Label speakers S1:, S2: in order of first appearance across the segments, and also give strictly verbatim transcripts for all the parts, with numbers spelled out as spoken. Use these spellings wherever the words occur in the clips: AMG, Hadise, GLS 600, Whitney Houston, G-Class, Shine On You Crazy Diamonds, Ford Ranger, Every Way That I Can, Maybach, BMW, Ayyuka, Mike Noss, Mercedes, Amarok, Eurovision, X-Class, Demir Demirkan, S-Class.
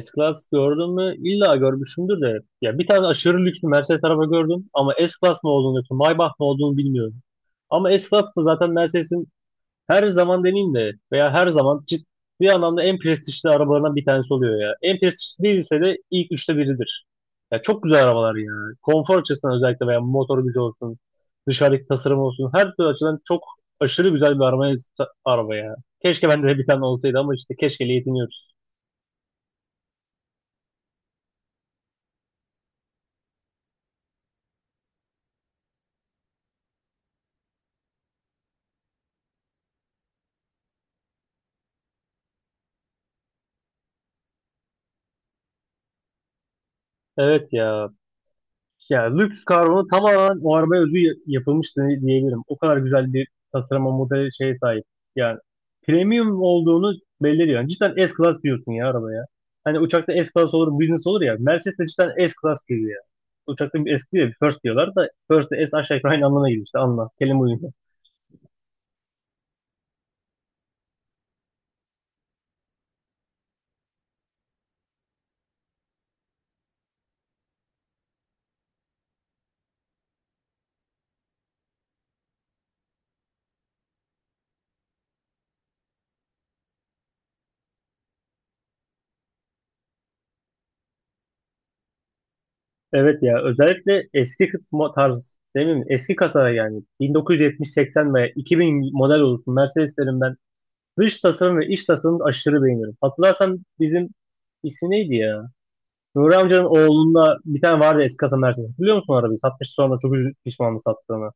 S1: S-Class gördüm mü? İlla görmüşümdür de. Ya bir tane aşırı lüks bir Mercedes araba gördüm ama S-Class mı olduğunu, yoksa Maybach mı olduğunu bilmiyorum. Ama S-Class da zaten Mercedes'in her zaman deneyim de veya her zaman ciddi anlamda en prestijli arabalarından bir tanesi oluyor ya. En prestijli değilse de ilk üçte biridir. Ya çok güzel arabalar ya. Konfor açısından özellikle veya motor gücü olsun, dışarıdaki tasarım olsun her türlü açıdan çok aşırı güzel bir araba, araba ya. Keşke bende de bir tane olsaydı ama işte keşkeyle yetiniyoruz. Evet ya. Ya lüks karbonu tamamen o arabaya özgü ya- yapılmış diye- diyebilirim. O kadar güzel bir tasarıma model şeye sahip. Yani premium olduğunu belli ediyor. Yani cidden S-Class diyorsun ya arabaya. Hani uçakta S-Class olur, business olur ya. Mercedes de cidden S-Class gibi ya. Uçakta bir S diyor, bir first diyorlar da first de S aşağı yukarı aynı anlamına geliyor işte anla. Kelime uyumu. Evet ya, özellikle eski kı- mo- tarz değil mi? Eski kasa, yani bin dokuz yüz yetmiş-seksen veya iki bin model olsun Mercedeslerin ben dış tasarım ve iç tasarımı aşırı beğeniyorum. Hatırlarsan bizim ismi neydi ya? Nuri amcanın oğlunda bir tane vardı, eski kasa Mercedes. Biliyor musun arabayı? Satmış, sonra çok üzü- pişmanlı sattığını.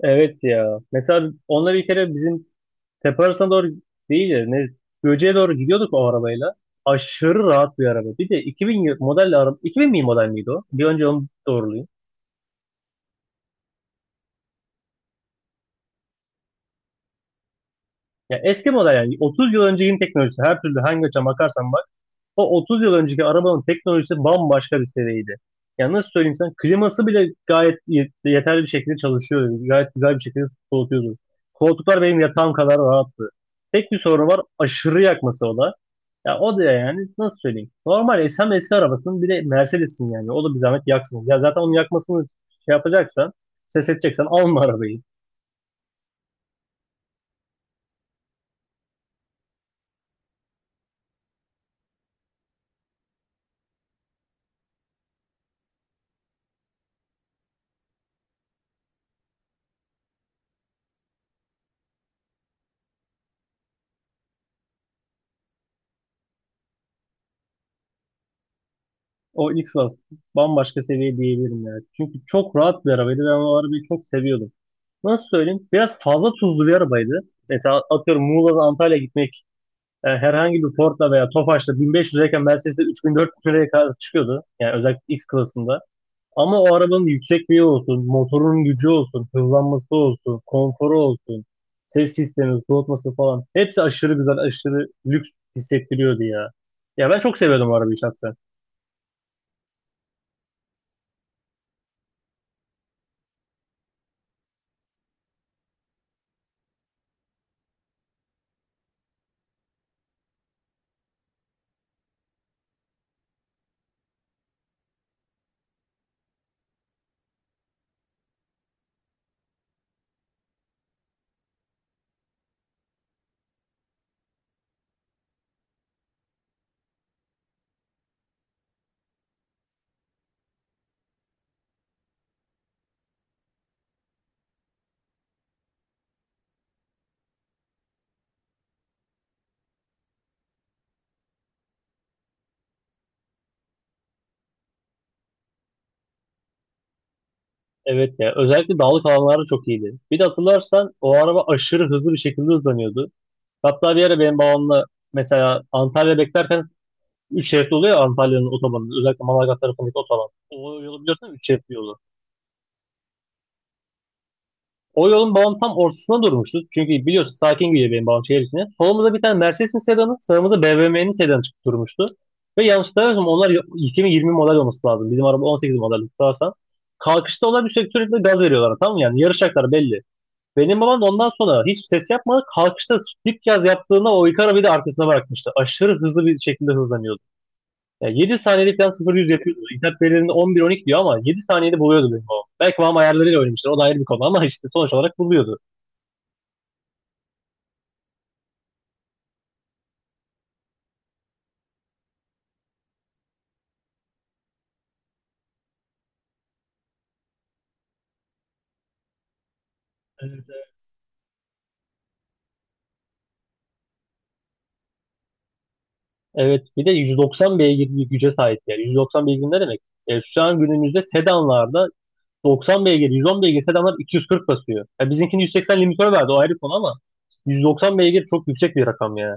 S1: Evet ya. Mesela onunla bir kere bizim tepe arasına doğru değil de ne, Göce'ye doğru gidiyorduk o arabayla. Aşırı rahat bir araba. Bir de iki bin yıl- model araba. iki bin mi model miydi o? Bir önce onu doğrulayayım. Ya eski model, yani otuz yıl öncekin teknolojisi, her türlü hangi açıdan bakarsan bak, o otuz yıl önceki arabanın teknolojisi bambaşka bir seviyeydi. Yani nasıl söyleyeyim sana, kliması bile gayet ye- yeterli bir şekilde çalışıyordu. Gayet güzel bir şekilde soğutuyordu. Koltuklar benim yatağım kadar rahattı. Tek bir sorunu var, aşırı yakması o da. Ya o da yani nasıl söyleyeyim. Normal es- eski arabasın, bir de Mercedes'in yani. O da bir zahmet yaksın. Ya zaten onun yakmasını şey yapacaksan, ses edeceksen alma arabayı. O X-Class bambaşka seviye diyebilirim yani. Çünkü çok rahat bir arabaydı. Ben o arabayı çok seviyordum. Nasıl söyleyeyim? Biraz fazla tuzlu bir arabaydı. Mesela atıyorum Muğla'dan Antalya'ya gitmek e, herhangi bir Ford'la veya Tofaş'la bin beş yüz lirayken Mercedes'te üç bin dört bin liraya kadar çıkıyordu. Yani özellikle X klasında. Ama o arabanın yüksekliği olsun, motorun gücü olsun, hızlanması olsun, konforu olsun, ses sistemi, soğutması falan. Hepsi aşırı güzel, aşırı lüks hissettiriyordu ya. Ya ben çok seviyordum o arabayı şahsen. Evet ya, özellikle dağlık alanlarda çok iyiydi. Bir de hatırlarsan o araba aşırı hızlı bir şekilde hızlanıyordu. Hatta bir ara benim babamla, mesela Antalya beklerken, üç şeritli oluyor ya Antalya'nın otobanı. Özellikle Manavgat tarafındaki otoban. O yolu biliyorsun, üç şeritli yolu. O yolun babam tam ortasına durmuştu. Çünkü biliyorsun sakin gidiyor benim babam şehir içine. Solumuzda bir tane Mercedes'in sedanı, sağımızda B M W'nin sedanı çıkıp durmuştu. Ve yanlış hatırlamıyorsam onlar iki bin yirmi model olması lazım. Bizim araba on sekiz model tutarsan. Kalkışta onlar bir sürekli, sürekli gaz veriyorlar, tamam mı? Yani yarışacaklar belli. Benim babam da ondan sonra hiç ses yapmadı. Kalkışta dip yaz yaptığında o ilk arabayı da arkasına bırakmıştı. Aşırı hızlı bir şekilde hızlanıyordu. Yani yedi saniyede falan sıfır yüz yapıyordu. İnternet verilerinde on bir on iki diyor ama yedi saniyede buluyordu benim babam. Belki babam ayarlarıyla oynamıştır. O da ayrı bir konu ama işte sonuç olarak buluyordu. Evet, evet. Evet bir de yüz doksan beygir bir güce sahip yani. yüz doksan beygir ne demek? E, şu an günümüzde sedanlarda doksan beygir, yüz on beygir sedanlar iki yüz kırk basıyor. Ya bizimkini yüz seksen limitör verdi, o ayrı konu ama yüz doksan beygir çok yüksek bir rakam ya.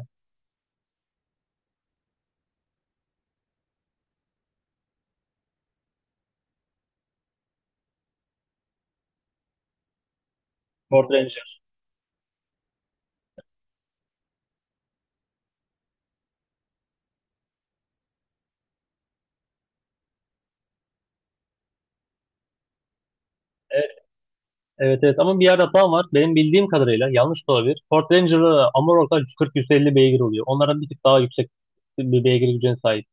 S1: Ford Ranger. Evet evet, ama bir yerde hatam var. Benim bildiğim kadarıyla yanlış da olabilir. Ford Ranger'da Amarok'ta yüz kırk yüz elli beygir oluyor. Onların bir tık daha yüksek bir beygir gücüne sahip.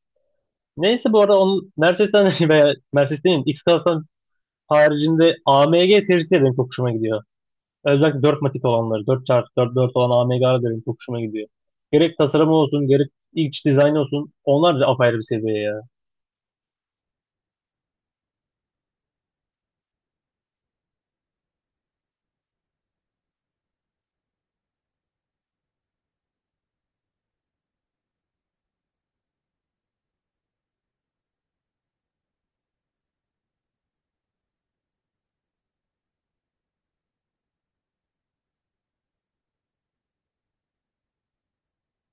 S1: Neyse, bu arada onun Mercedes'ten veya Mercedes demeyeyim X-Class'tan haricinde A M G serisi de benim çok hoşuma gidiyor. Özellikle dört matik olanları, 4 dört dört olan A M G'ler de benim çok hoşuma gidiyor. Gerek tasarımı olsun, gerek iç dizaynı olsun, onlar da apayrı bir seviye ya.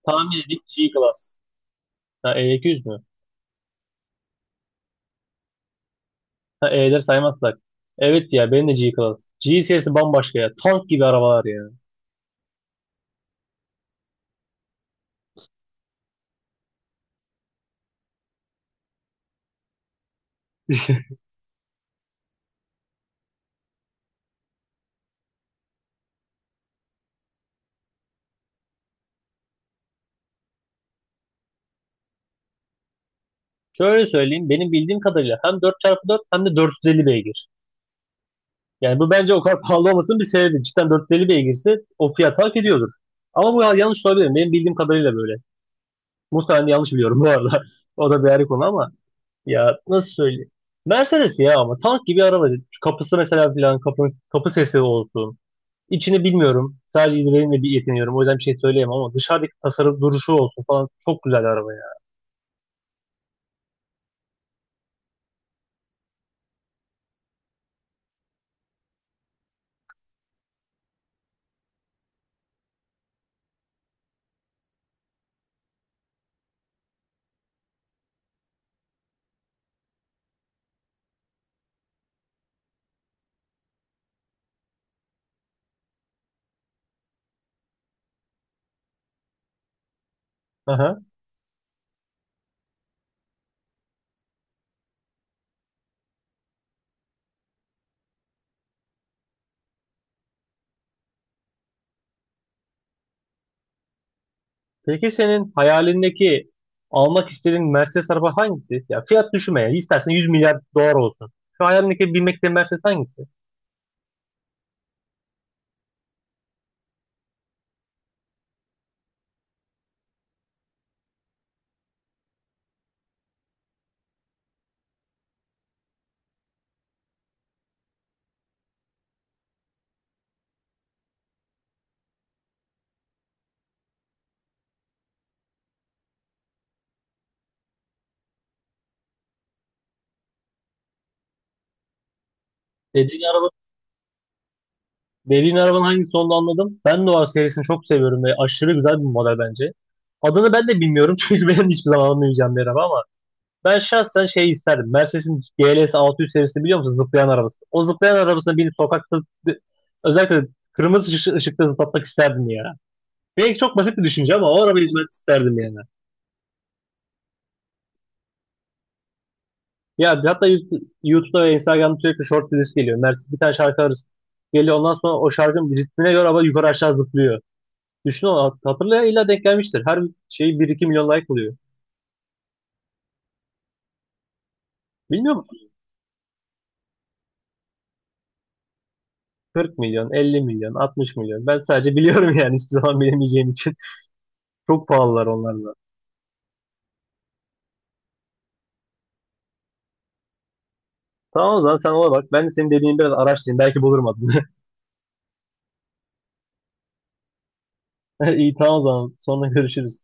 S1: Tahmin edeyim, G-Class. Ha, E iki yüz mü? Ha, E'leri saymazsak. Evet ya benim de G-Class. G serisi bambaşka ya. Tank gibi arabalar ya. Şöyle söyleyeyim, benim bildiğim kadarıyla hem dört çarpı dört hem de dört yüz elli beygir. Yani bu bence o kadar pahalı olmasının bir sebebi. Cidden dört yüz elli beygirse o fiyat hak ediyordur. Ama bu yanlış olabilir. Benim bildiğim kadarıyla böyle. Muhtemelen yanlış biliyorum bu arada. O da bir ayrı konu ama ya nasıl söyleyeyim. Mercedes ya ama tank gibi araba. Kapısı mesela filan kapı, kapı sesi olsun. İçini bilmiyorum. Sadece izlediğimle bir yetiniyorum. O yüzden bir şey söyleyemem ama dışarıdaki tasarım, duruşu olsun falan, çok güzel araba ya. Aha. Peki senin hayalindeki almak istediğin Mercedes araba hangisi? Ya fiyat düşünme ya. İstersen yüz milyar dolar olsun. Şu hayalindeki binmek istediğin Mercedes hangisi? Dediğin araba, dediğin arabanın hangisi olduğunu anladım. Ben de o serisini çok seviyorum ve aşırı güzel bir model bence. Adını ben de bilmiyorum çünkü ben hiçbir zaman anlamayacağım bir araba ama ben şahsen şey isterdim. Mercedes'in G L S altı yüz serisini biliyor musun? Zıplayan arabası. O zıplayan arabasını binip sokakta özellikle kırmızı ışık- ışıkta zıplatmak isterdim ya. Belki çok basit bir düşünce ama o arabayı izlemek isterdim yani. Ya hatta YouTube- YouTube'da ve Instagram'da sürekli short videosu geliyor. Mercedes bir tane şarkı arası geliyor. Ondan sonra o şarkının ritmine göre araba yukarı aşağı zıplıyor. Düşün, o hatırlaya illa denk gelmiştir. Her şey bir iki milyon like oluyor. Bilmiyor musun? kırk milyon, elli milyon, altmış milyon. Ben sadece biliyorum yani hiçbir zaman bilemeyeceğim için. Çok pahalılar onlar da. Tamam, o zaman sen ona bak. Ben de senin dediğin biraz araştırayım. Belki bulurum adını. İyi tamam, o zaman. Sonra görüşürüz.